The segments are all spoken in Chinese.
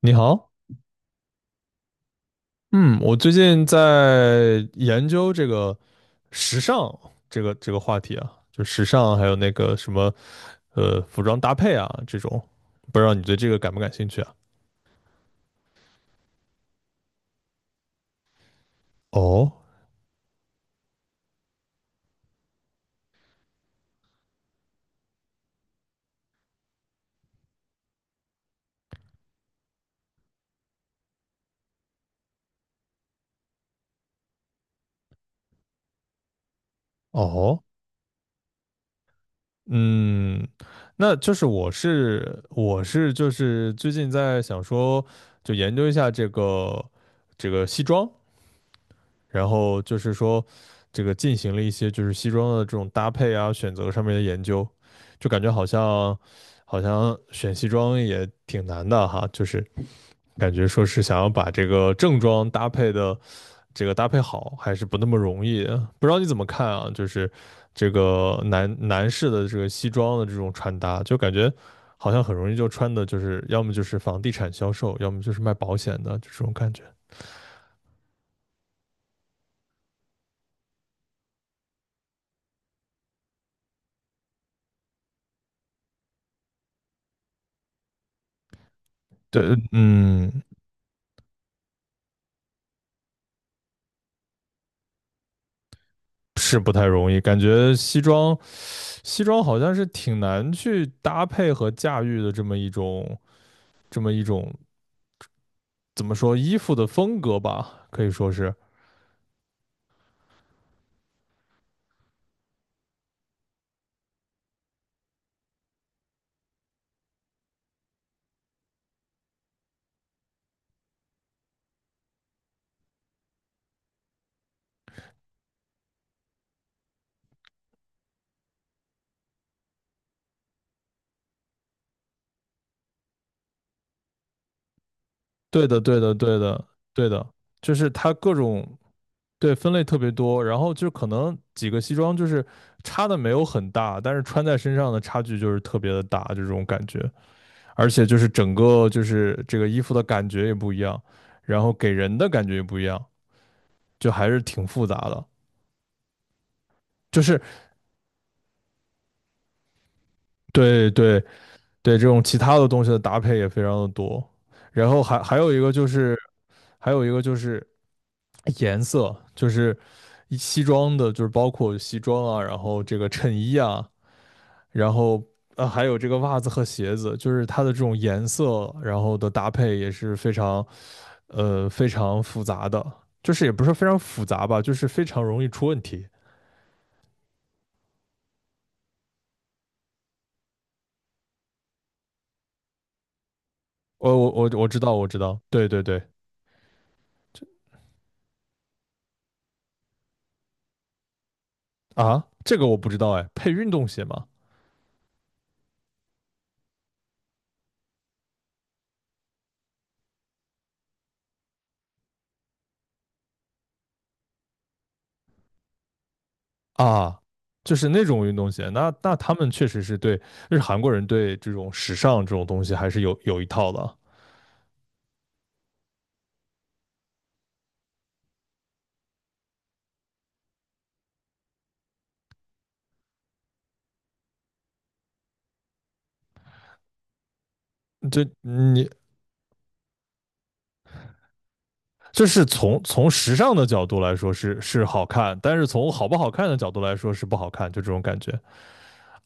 你好。嗯，我最近在研究这个时尚这个话题啊，就时尚还有那个什么服装搭配啊这种，不知道你对这个感不感兴趣啊？哦哦，嗯，那就是我是就是最近在想说，就研究一下这个西装，然后就是说这个进行了一些就是西装的这种搭配啊选择上面的研究，就感觉好像选西装也挺难的哈，就是感觉说是想要把这个正装搭配的这个搭配好，还是不那么容易的，不知道你怎么看啊？就是这个男士的这个西装的这种穿搭，就感觉。好像很容易就穿的，就是要么就是房地产销售，要么就是卖保险的，就这种感觉。对，嗯，是不太容易，感觉西装，西装好像是挺难去搭配和驾驭的这么一种，这么一种怎么说衣服的风格吧，可以说是对的，对的，对的，对的，就是它各种对分类特别多，然后就可能几个西装就是差的没有很大，但是穿在身上的差距就是特别的大，就这种感觉，而且就是整个就是这个衣服的感觉也不一样，然后给人的感觉也不一样，就还是挺复杂的。就是对对对，这种其他的东西的搭配也非常的多。然后还有一个就是，还有一个就是颜色，就是一西装的，就是包括西装啊，然后这个衬衣啊，然后还有这个袜子和鞋子，就是它的这种颜色，然后的搭配也是非常，非常复杂的，就是也不是非常复杂吧，就是非常容易出问题。我知道我知道，对对对。啊，这个我不知道哎，配运动鞋吗？啊，就是那种运动鞋，那他们确实是对，就是韩国人对这种时尚这种东西还是有一套的。这你就是从时尚的角度来说是好看，但是从好不好看的角度来说是不好看，就这种感觉。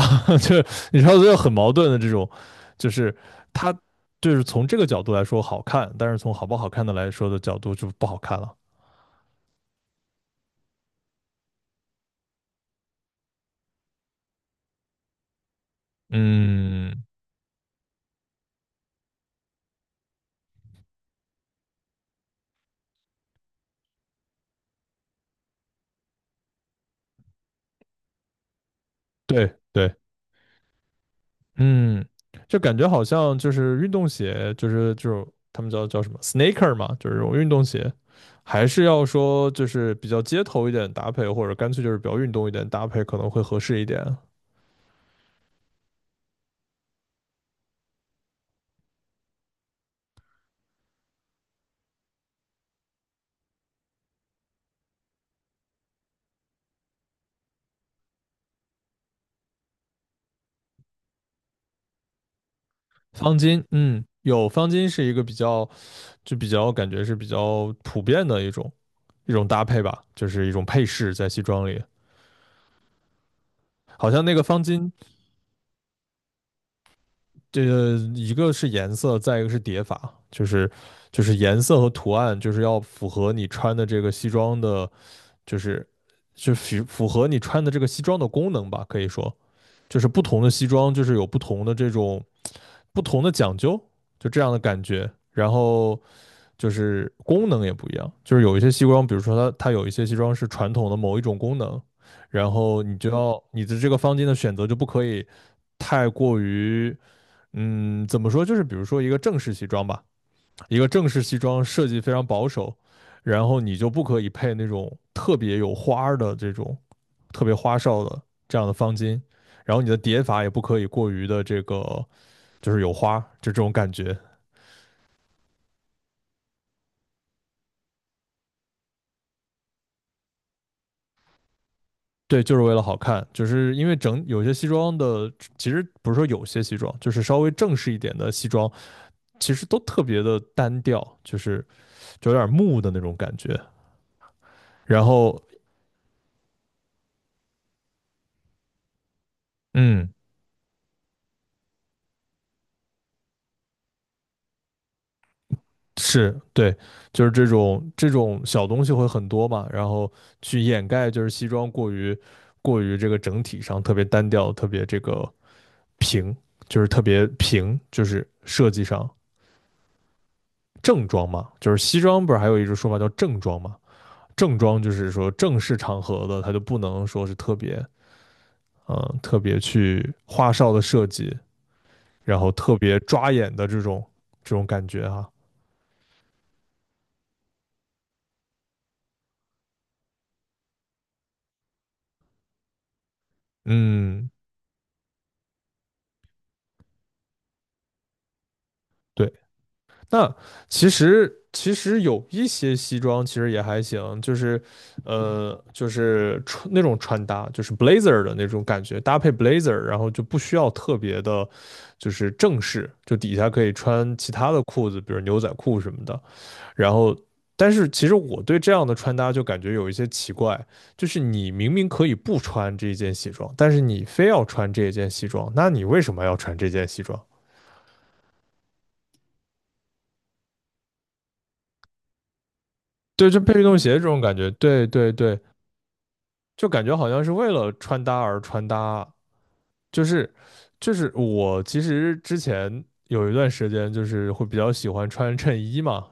就你知道就很矛盾的这种，就是它就是从这个角度来说好看，但是从好不好看的来说的角度就不好看了。嗯，对对，嗯，就感觉好像就是运动鞋，就是就他们叫什么 sneaker 嘛，就是这种运动鞋，还是要说就是比较街头一点搭配，或者干脆就是比较运动一点搭配可能会合适一点。方巾，嗯，有方巾是一个比较就比较感觉是比较普遍的一种一种搭配吧，就是一种配饰在西装里。好像那个方巾，这个一个是颜色，再一个是叠法，就是就是颜色和图案，就是要符合你穿的这个西装的，就是就符合你穿的这个西装的功能吧，可以说就是不同的西装就是有不同的这种不同的讲究，就这样的感觉。然后就是功能也不一样，就是有一些西装，比如说它有一些西装是传统的某一种功能，然后你就要你的这个方巾的选择就不可以太过于，怎么说？就是比如说一个正式西装吧，一个正式西装设计非常保守，然后你就不可以配那种特别有花儿的这种特别花哨的这样的方巾，然后你的叠法也不可以过于的这个就是有花，就这种感觉。对，就是为了好看，就是因为整有些西装的，其实不是说有些西装，就是稍微正式一点的西装，其实都特别的单调，就是就有点木的那种感觉。然后，嗯，是对，就是这种这种小东西会很多嘛，然后去掩盖就是西装过于这个整体上特别单调，特别这个平，就是特别平，就是设计上正装嘛，就是西装不是还有一种说法叫正装嘛，正装就是说正式场合的，它就不能说是特别嗯特别去花哨的设计，然后特别抓眼的这种这种感觉哈、嗯，对。那其实有一些西装其实也还行，就是就是穿那种穿搭，就是 blazer 的那种感觉，搭配 blazer，然后就不需要特别的，就是正式，就底下可以穿其他的裤子，比如牛仔裤什么的。然后，但是其实我对这样的穿搭就感觉有一些奇怪，就是你明明可以不穿这一件西装，但是你非要穿这一件西装，那你为什么要穿这件西装？对，就配运动鞋这种感觉，对对对。就感觉好像是为了穿搭而穿搭，就是就是我其实之前有一段时间就是会比较喜欢穿衬衣嘛，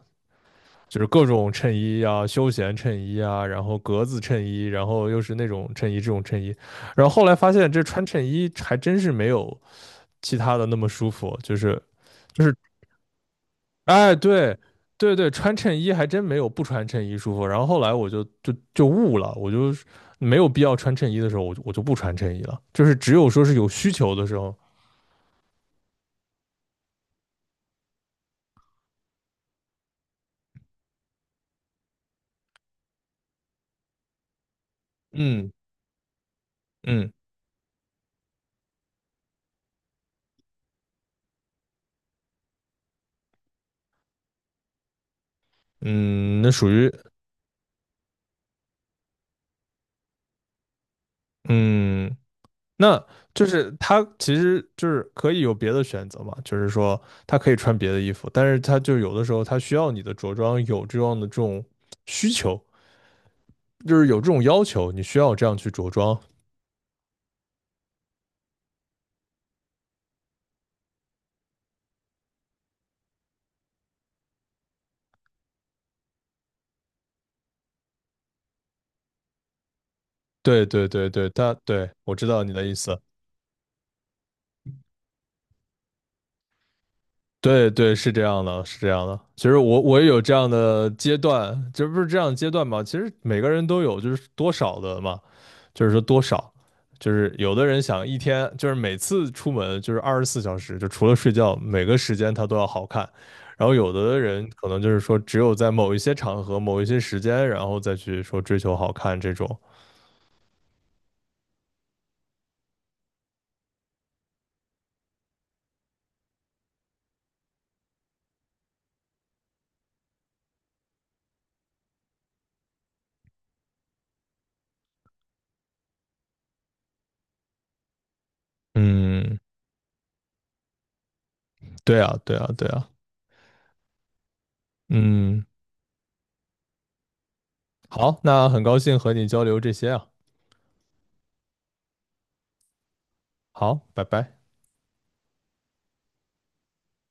就是各种衬衣啊，休闲衬衣啊，然后格子衬衣，然后又是那种衬衣这种衬衣，然后后来发现这穿衬衣还真是没有其他的那么舒服，就是就是哎，对，对对，穿衬衣还真没有不穿衬衣舒服。然后后来我就悟了，我就是没有必要穿衬衣的时候，我就不穿衬衣了。就是只有说是有需求的时候，嗯嗯嗯，那属于嗯，那就是他其实就是可以有别的选择嘛，就是说他可以穿别的衣服，但是他就有的时候他需要你的着装有这样的这种需求，就是有这种要求，你需要这样去着装。对对对对，他对我知道你的意思。对对，是这样的，是这样的。其实我也有这样的阶段，这不是这样的阶段嘛？其实每个人都有，就是多少的嘛，就是说多少，就是有的人想一天，就是每次出门就是24小时，就除了睡觉，每个时间他都要好看。然后有的人可能就是说，只有在某一些场合、某一些时间，然后再去说追求好看这种。嗯，对啊，对啊，对啊。嗯，好，那很高兴和你交流这些啊。好，拜拜。